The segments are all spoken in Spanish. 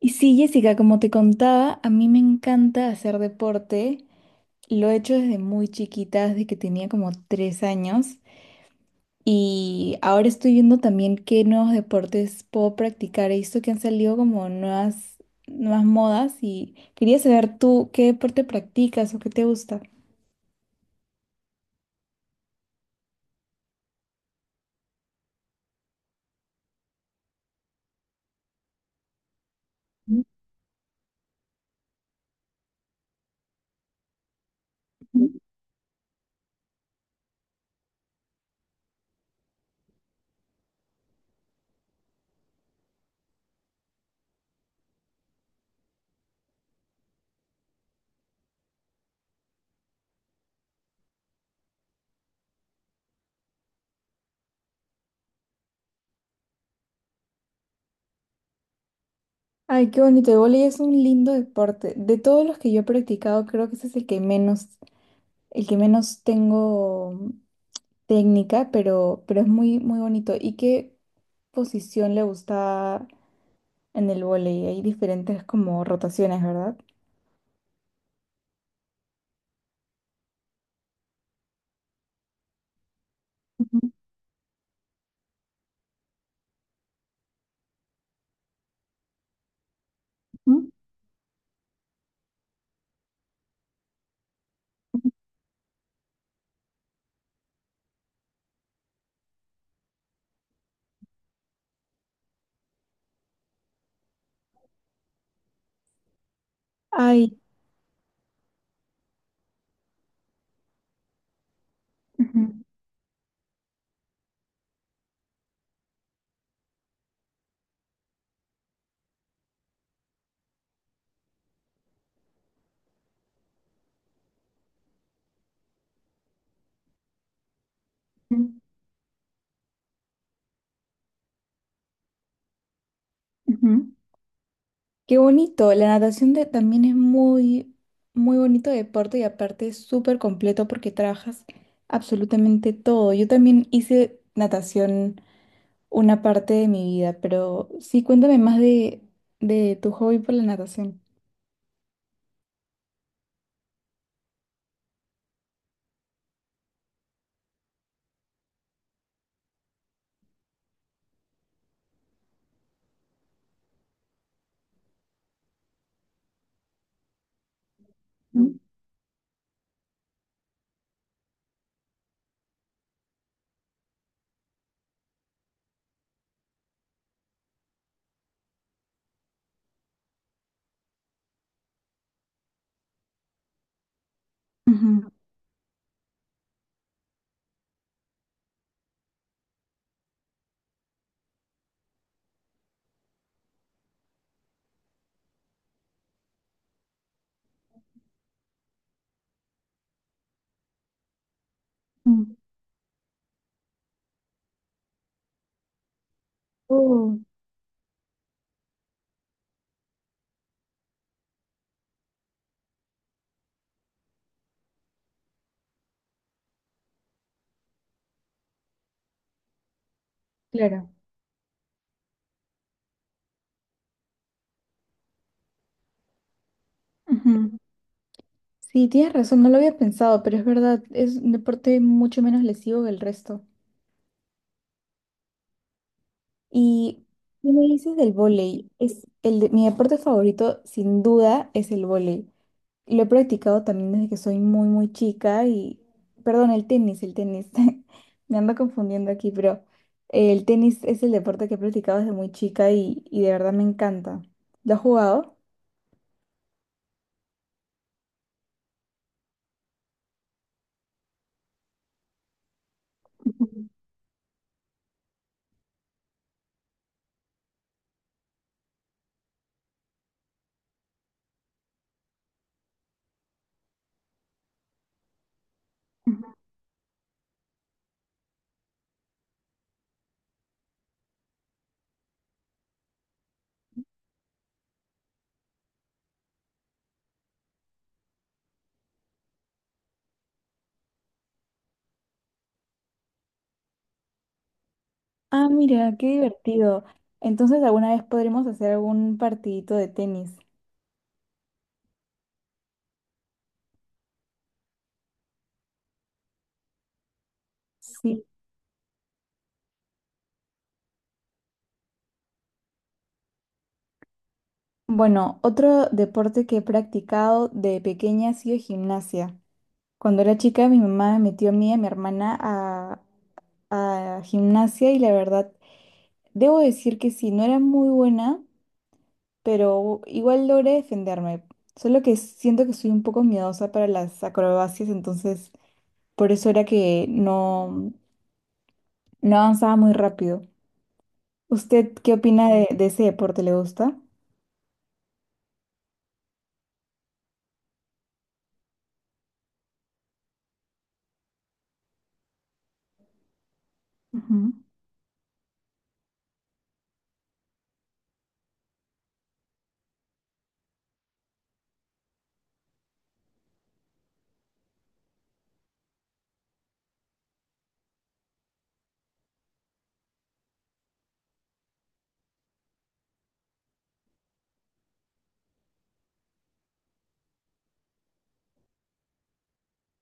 Y sí, Jessica, como te contaba, a mí me encanta hacer deporte. Lo he hecho desde muy chiquita, desde que tenía como 3 años. Y ahora estoy viendo también qué nuevos deportes puedo practicar. He visto que han salido como nuevas modas y quería saber tú qué deporte practicas o qué te gusta. Ujú. Ay, qué bonito. El vóley es un lindo deporte. De todos los que yo he practicado, creo que ese es el que menos tengo técnica, pero es muy, muy bonito. ¿Y qué posición le gusta en el vóley? Hay diferentes como rotaciones, ¿verdad? Ujú, ujú, ay, ujú, ujú, ujú. Qué bonito. La natación también es muy, muy bonito deporte y aparte es súper completo porque trabajas absolutamente todo. Yo también hice natación una parte de mi vida, pero sí, cuéntame más de tu hobby por la natación. Ujú. Ujú. Oh, claro. Ujú. Sí, tienes razón, no lo había pensado, pero es verdad, es un deporte mucho menos lesivo que el resto. ¿Y qué me dices del vóley? Es mi deporte favorito, sin duda, es el vóley. Lo he practicado también desde que soy muy, muy chica y, perdón, el tenis, el tenis. Me ando confundiendo aquí, pero el tenis es el deporte que he practicado desde muy chica y de verdad me encanta. ¿Lo has jugado? Ah, mira, qué divertido. Entonces, alguna vez podremos hacer algún partidito de tenis. Sí. Bueno, otro deporte que he practicado de pequeña ha sido gimnasia. Cuando era chica, mi mamá me metió a mí y a mi hermana a gimnasia y la verdad, debo decir que sí, no era muy buena, pero igual logré defenderme. Solo que siento que soy un poco miedosa para las acrobacias, entonces por eso era que no avanzaba muy rápido. ¿Usted qué opina de ese deporte? ¿Le gusta? Ujú.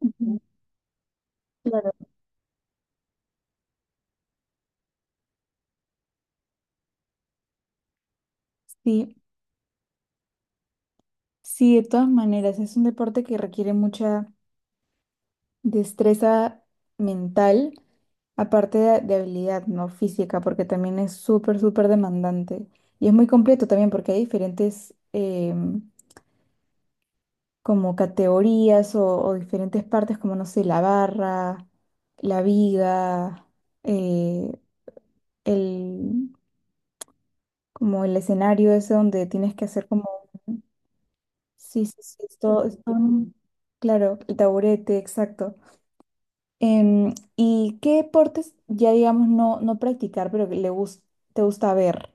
Ujú. Claro. Sí, sí, de todas maneras, es un deporte que requiere mucha destreza mental, aparte de habilidad, ¿no? Física, porque también es súper, súper demandante. Y es muy completo también porque hay diferentes como categorías o diferentes partes como, no sé, la barra, la viga, eh, el, como el escenario ese donde tienes que hacer como... Sí, sí, sí, claro, el taburete, exacto. ¿Y qué deportes ya digamos no practicar, pero que te gusta ver?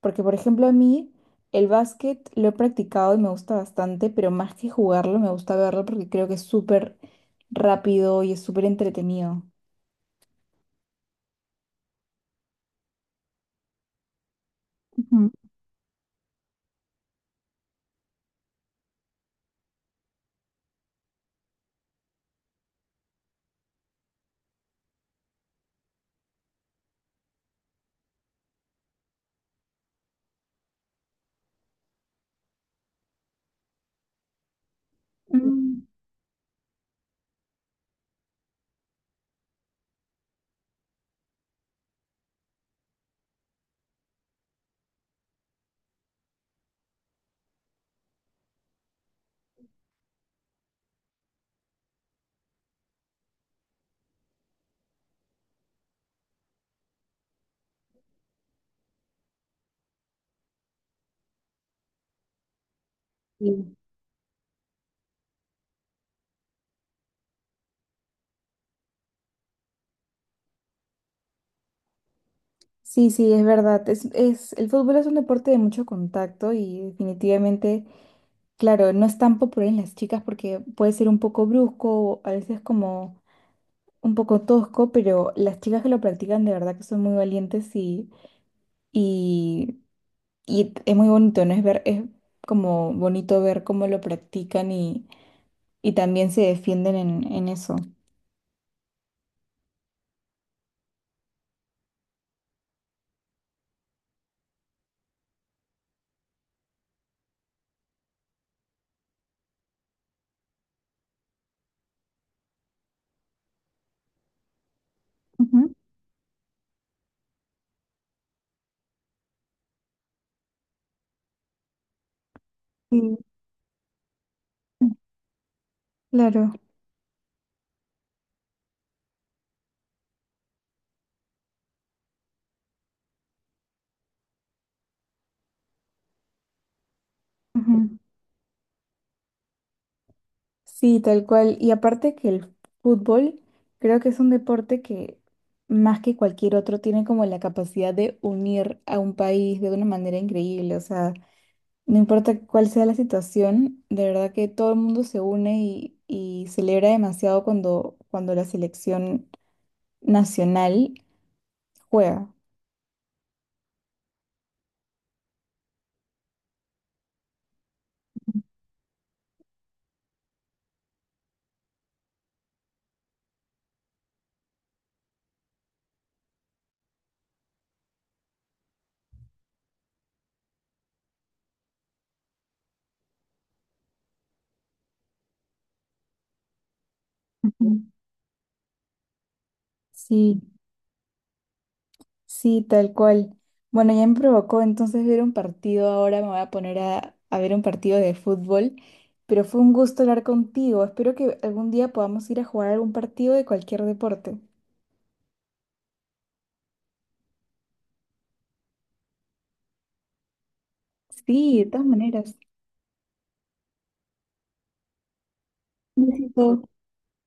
Porque, por ejemplo, a mí el básquet lo he practicado y me gusta bastante, pero más que jugarlo, me gusta verlo porque creo que es súper rápido y es súper entretenido. Ujú. Mm, sí. Sí, sí, es verdad. El fútbol es un deporte de mucho contacto y definitivamente, claro, no es tan popular en las chicas porque puede ser un poco brusco, a veces como un poco tosco, pero las chicas que lo practican de verdad que son muy valientes y, y es muy bonito, ¿no? Es ver, es como bonito ver cómo lo practican y también se defienden en eso. Ujú. Sí, claro. Sí, tal cual. Y aparte que el fútbol creo que es un deporte que más que cualquier otro tiene como la capacidad de unir a un país de una manera increíble. O sea, no importa cuál sea la situación, de verdad que todo el mundo se une y celebra demasiado cuando la selección nacional juega. Ujú. Sí. Sí, tal cual. Bueno, ya me provocó entonces ver un partido. Ahora me voy a poner a ver un partido de fútbol. Pero fue un gusto hablar contigo. Espero que algún día podamos ir a jugar algún partido de cualquier deporte. Sí, de todas maneras. Un besito.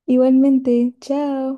Igualmente, chao.